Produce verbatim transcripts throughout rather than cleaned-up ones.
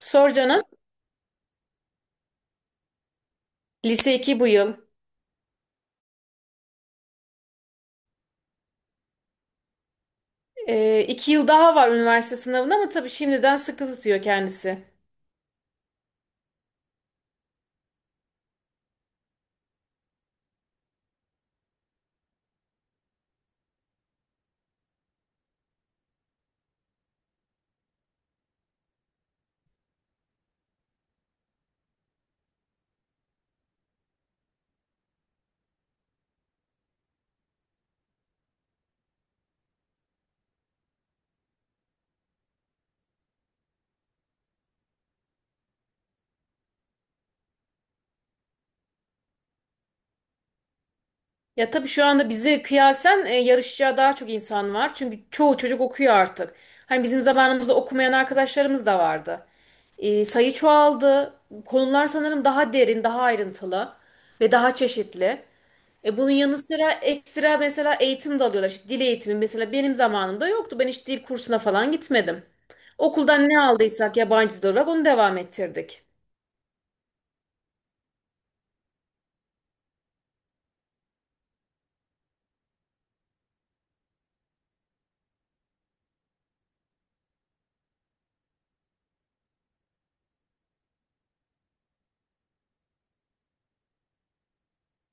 Sor canım. Lise iki bu yıl. Ee, iki yıl daha var üniversite sınavına ama tabii şimdiden sıkı tutuyor kendisi. Ya tabii şu anda bize kıyasen e, yarışacağı daha çok insan var. Çünkü çoğu çocuk okuyor artık. Hani bizim zamanımızda okumayan arkadaşlarımız da vardı. Ee, sayı çoğaldı. Konular sanırım daha derin, daha ayrıntılı ve daha çeşitli. E bunun yanı sıra ekstra mesela eğitim de alıyorlar. İşte dil eğitimi mesela benim zamanımda yoktu. Ben hiç dil kursuna falan gitmedim. Okuldan ne aldıysak yabancı dil olarak onu devam ettirdik.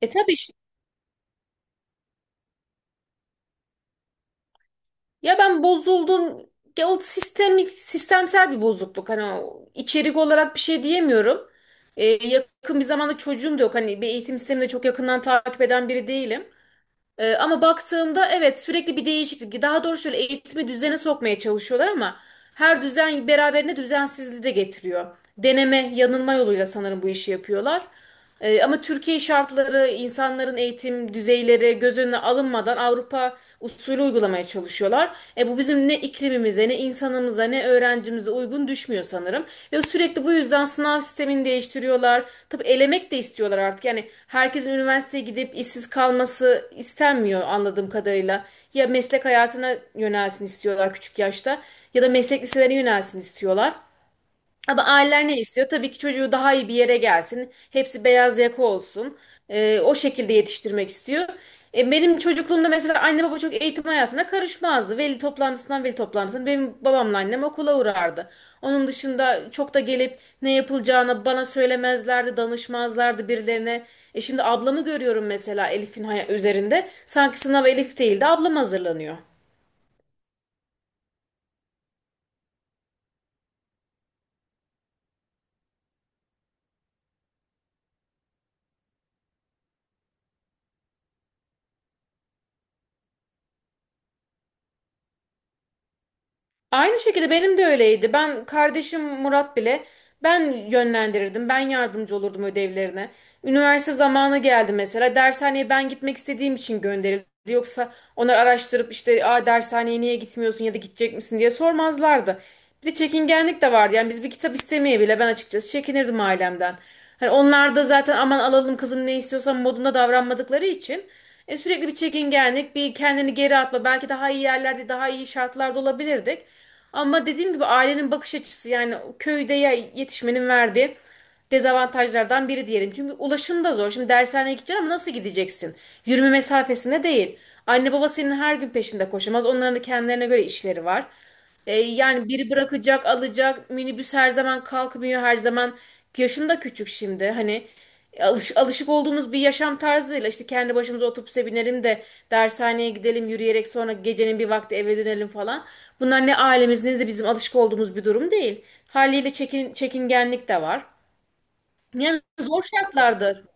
E tabii işte, ya ben bozuldum. Ya o sistemik, sistemsel bir bozukluk. Hani o içerik olarak bir şey diyemiyorum. E, yakın bir zamanda çocuğum da yok. Hani bir eğitim sistemini de çok yakından takip eden biri değilim. Ee, ama baktığımda evet, sürekli bir değişiklik. Daha doğrusu şöyle eğitimi düzene sokmaya çalışıyorlar ama her düzen beraberinde düzensizliği de getiriyor. Deneme, yanılma yoluyla sanırım bu işi yapıyorlar. Ee, ama Türkiye şartları, insanların eğitim düzeyleri göz önüne alınmadan Avrupa usulü uygulamaya çalışıyorlar. E bu bizim ne iklimimize, ne insanımıza, ne öğrencimize uygun düşmüyor sanırım. Ve sürekli bu yüzden sınav sistemini değiştiriyorlar. Tabii elemek de istiyorlar artık. Yani herkesin üniversiteye gidip işsiz kalması istenmiyor anladığım kadarıyla. Ya meslek hayatına yönelsin istiyorlar küçük yaşta ya da meslek liselerine yönelsin istiyorlar. Ama aileler ne istiyor? Tabii ki çocuğu daha iyi bir yere gelsin. Hepsi beyaz yaka olsun. Ee, o şekilde yetiştirmek istiyor. E, benim çocukluğumda mesela anne baba çok eğitim hayatına karışmazdı. Veli toplantısından veli toplantısına benim babamla annem okula uğrardı. Onun dışında çok da gelip ne yapılacağını bana söylemezlerdi, danışmazlardı birilerine. E şimdi ablamı görüyorum mesela Elif'in hay- üzerinde. Sanki sınav Elif değil de ablam hazırlanıyor. Aynı şekilde benim de öyleydi. Ben kardeşim Murat bile ben yönlendirirdim. Ben yardımcı olurdum ödevlerine. Üniversite zamanı geldi mesela. Dershaneye ben gitmek istediğim için gönderildi. Yoksa onlar araştırıp işte, "Aa, dershaneye niye gitmiyorsun ya da gidecek misin?" diye sormazlardı. Bir de çekingenlik de vardı. Yani biz bir kitap istemeye bile ben açıkçası çekinirdim ailemden. Hani onlar da zaten, "Aman alalım kızım ne istiyorsan" modunda davranmadıkları için. E, sürekli bir çekingenlik, bir kendini geri atma. Belki daha iyi yerlerde, daha iyi şartlarda olabilirdik. Ama dediğim gibi ailenin bakış açısı, yani köyde ya- yetişmenin verdiği dezavantajlardan biri diyelim. Çünkü ulaşım da zor. Şimdi dershaneye gideceksin ama nasıl gideceksin? Yürüme mesafesinde değil. Anne baba senin her gün peşinde koşamaz. Onların da kendilerine göre işleri var. E, yani biri bırakacak, alacak. Minibüs her zaman kalkmıyor, her zaman yaşında küçük şimdi. Hani e, alış, alışık olduğumuz bir yaşam tarzı değil. İşte kendi başımıza otobüse binelim de dershaneye gidelim, yürüyerek sonra gecenin bir vakti eve dönelim falan. Bunlar ne ailemiz ne de bizim alışık olduğumuz bir durum değil. Haliyle çekin, çekingenlik de var. Yani zor şartlardı.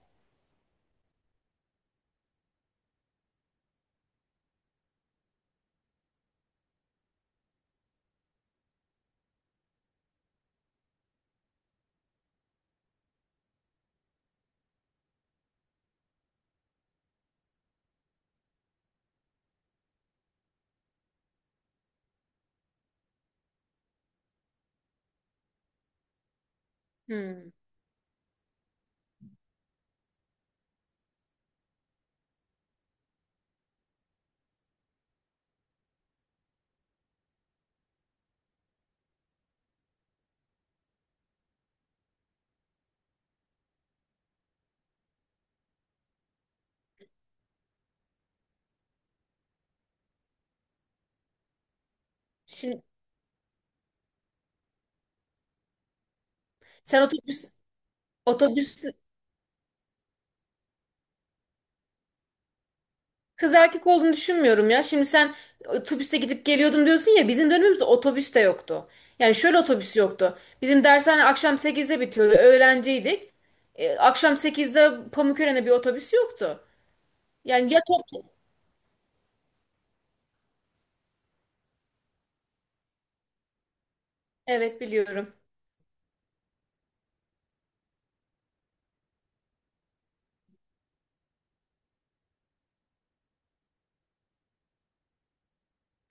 Hmm. Şimdi sen otobüs otobüs Kız erkek olduğunu düşünmüyorum ya. Şimdi sen e, otobüste gidip geliyordum diyorsun ya, bizim dönemimizde otobüs de yoktu. Yani şöyle, otobüs yoktu. Bizim dershane akşam sekizde bitiyordu. Öğrenciydik. E, akşam sekizde Pamukören'e bir otobüs yoktu. Yani ya top... Evet, biliyorum.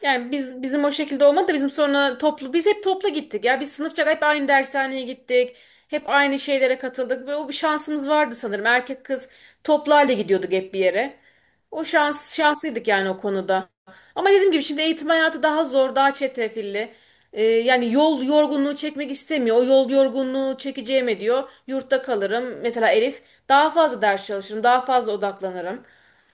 Yani biz, bizim o şekilde olmadı da bizim sonra toplu, biz hep toplu gittik ya, biz sınıfça hep aynı dershaneye gittik. Hep aynı şeylere katıldık ve o bir şansımız vardı sanırım. Erkek kız toplu halde gidiyorduk hep bir yere. O şans, şanslıydık yani o konuda. Ama dediğim gibi şimdi eğitim hayatı daha zor, daha çetrefilli. Ee, yani yol yorgunluğu çekmek istemiyor. O yol yorgunluğu çekeceğime diyor. Yurtta kalırım. Mesela Elif daha fazla ders çalışırım, daha fazla odaklanırım.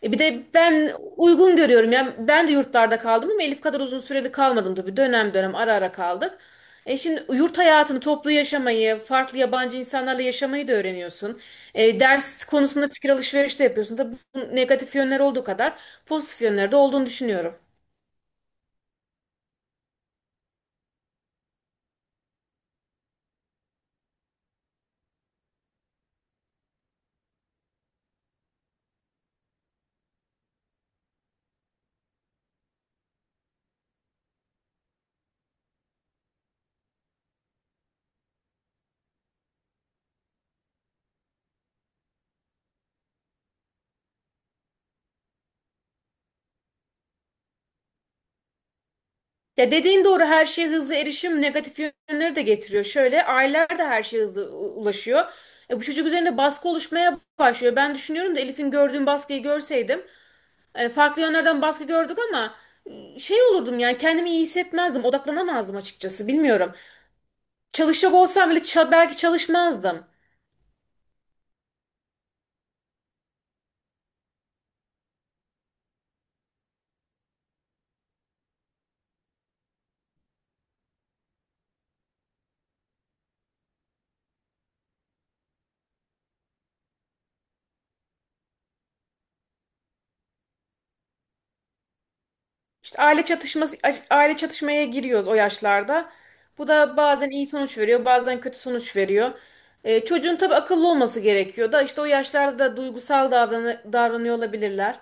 E bir de ben uygun görüyorum ya. Ben de yurtlarda kaldım ama Elif kadar uzun süreli kalmadım tabii. Dönem dönem, ara ara kaldık. E şimdi yurt hayatını, toplu yaşamayı, farklı yabancı insanlarla yaşamayı da öğreniyorsun. E, ders konusunda fikir alışverişi de yapıyorsun. Tabii bunun negatif yönleri olduğu kadar pozitif yönleri de olduğunu düşünüyorum. Ya dediğin doğru, her şeye hızlı erişim negatif yönleri de getiriyor. Şöyle, aileler de her şeye hızlı u- ulaşıyor. E, bu çocuk üzerinde baskı oluşmaya başlıyor. Ben düşünüyorum da Elif'in gördüğüm baskıyı görseydim, E, farklı yönlerden baskı gördük ama e, şey olurdum, yani kendimi iyi hissetmezdim, odaklanamazdım, açıkçası bilmiyorum. Çalışacak olsam bile ça- belki çalışmazdım. İşte aile çatışması aile çatışmaya giriyoruz o yaşlarda. Bu da bazen iyi sonuç veriyor, bazen kötü sonuç veriyor. Ee, çocuğun tabii akıllı olması gerekiyor da işte o yaşlarda da duygusal davranı, davranıyor olabilirler.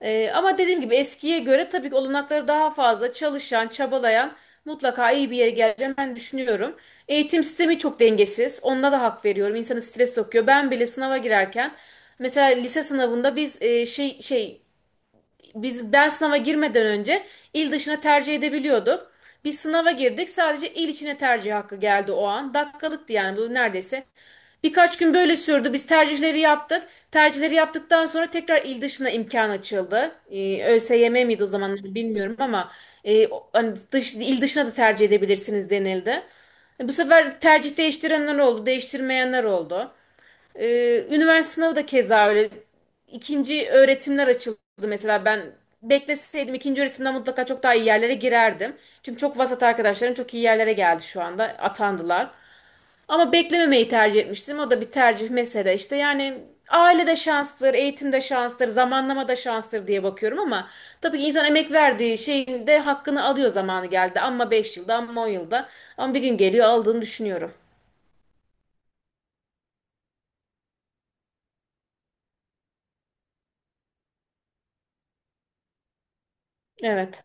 Ee, ama dediğim gibi eskiye göre tabii ki olanakları daha fazla, çalışan, çabalayan mutlaka iyi bir yere geleceğim ben düşünüyorum. Eğitim sistemi çok dengesiz. Onunla da hak veriyorum. İnsanı stres sokuyor. Ben bile sınava girerken, mesela lise sınavında biz e, şey şey biz ben sınava girmeden önce il dışına tercih edebiliyorduk. Biz sınava girdik. Sadece il içine tercih hakkı geldi o an. Dakikalıktı yani bu neredeyse. Birkaç gün böyle sürdü. Biz tercihleri yaptık. Tercihleri yaptıktan sonra tekrar il dışına imkan açıldı. Ee, ÖSYM miydi o zamanlar bilmiyorum ama e, o- hani dış, il dışına da tercih edebilirsiniz denildi. Bu sefer tercih değiştirenler oldu, değiştirmeyenler oldu. Ee, üniversite sınavı da keza öyle. İkinci öğretimler açıldı, mesela ben bekleseydim ikinci öğretimden mutlaka çok daha iyi yerlere girerdim. Çünkü çok vasat arkadaşlarım çok iyi yerlere geldi, şu anda atandılar. Ama beklememeyi tercih etmiştim. O da bir tercih mesele işte. Yani aile de şanstır, eğitim de şanstır, zamanlama da şanstır diye bakıyorum ama tabii ki insan emek verdiği şeyin de hakkını alıyor zamanı geldi. Ama beş yılda, ama on yılda. Ama bir gün geliyor aldığını düşünüyorum. Evet.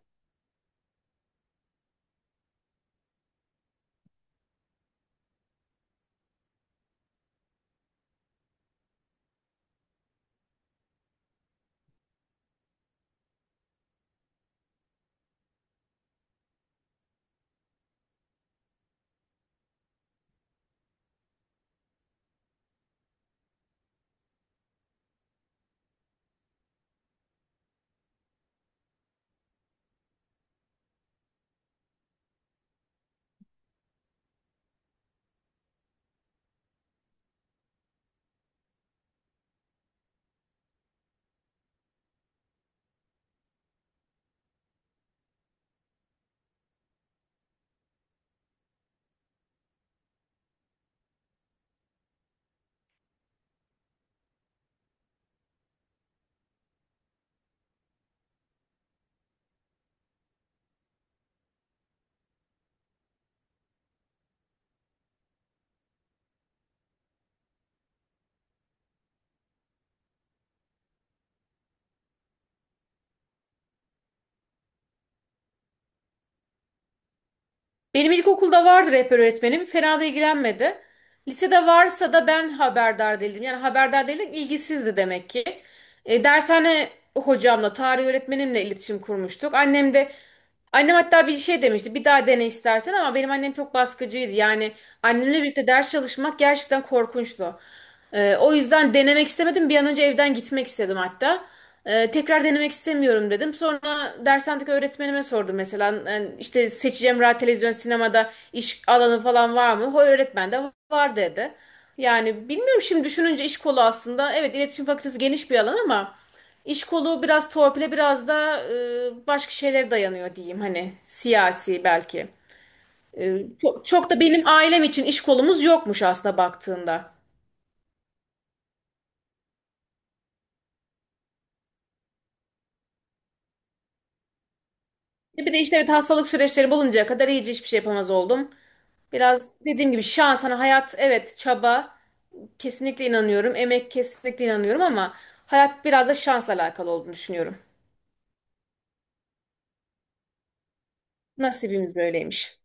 Benim ilkokulda vardı rehber öğretmenim. Fena da ilgilenmedi. Lisede varsa da ben haberdar değildim. Yani haberdar değildim, ilgisizdi demek ki. E, dershane hocamla, tarih öğretmenimle iletişim kurmuştuk. Annem de Annem hatta bir şey demişti. Bir daha dene istersen, ama benim annem çok baskıcıydı. Yani annemle birlikte ders çalışmak gerçekten korkunçtu. Ee, o yüzden denemek istemedim. Bir an önce evden gitmek istedim hatta. Ee, tekrar denemek istemiyorum dedim. Sonra dershanedeki öğretmenime sordum mesela. Yani işte seçeceğim radyo, televizyon, sinemada iş alanı falan var mı? O öğretmen de var dedi. Yani bilmiyorum, şimdi düşününce iş kolu aslında. Evet, iletişim fakültesi geniş bir alan ama iş kolu biraz torpile, biraz da e, başka şeylere dayanıyor diyeyim. Hani siyasi belki. E, çok, çok da benim ailem için iş kolumuz yokmuş aslında baktığında. E Bir de işte evet, hastalık süreçleri buluncaya kadar iyice hiçbir şey yapamaz oldum. Biraz dediğim gibi şans, hani hayat, evet çaba, kesinlikle inanıyorum. Emek, kesinlikle inanıyorum ama hayat biraz da şansla alakalı olduğunu düşünüyorum. Nasibimiz böyleymiş.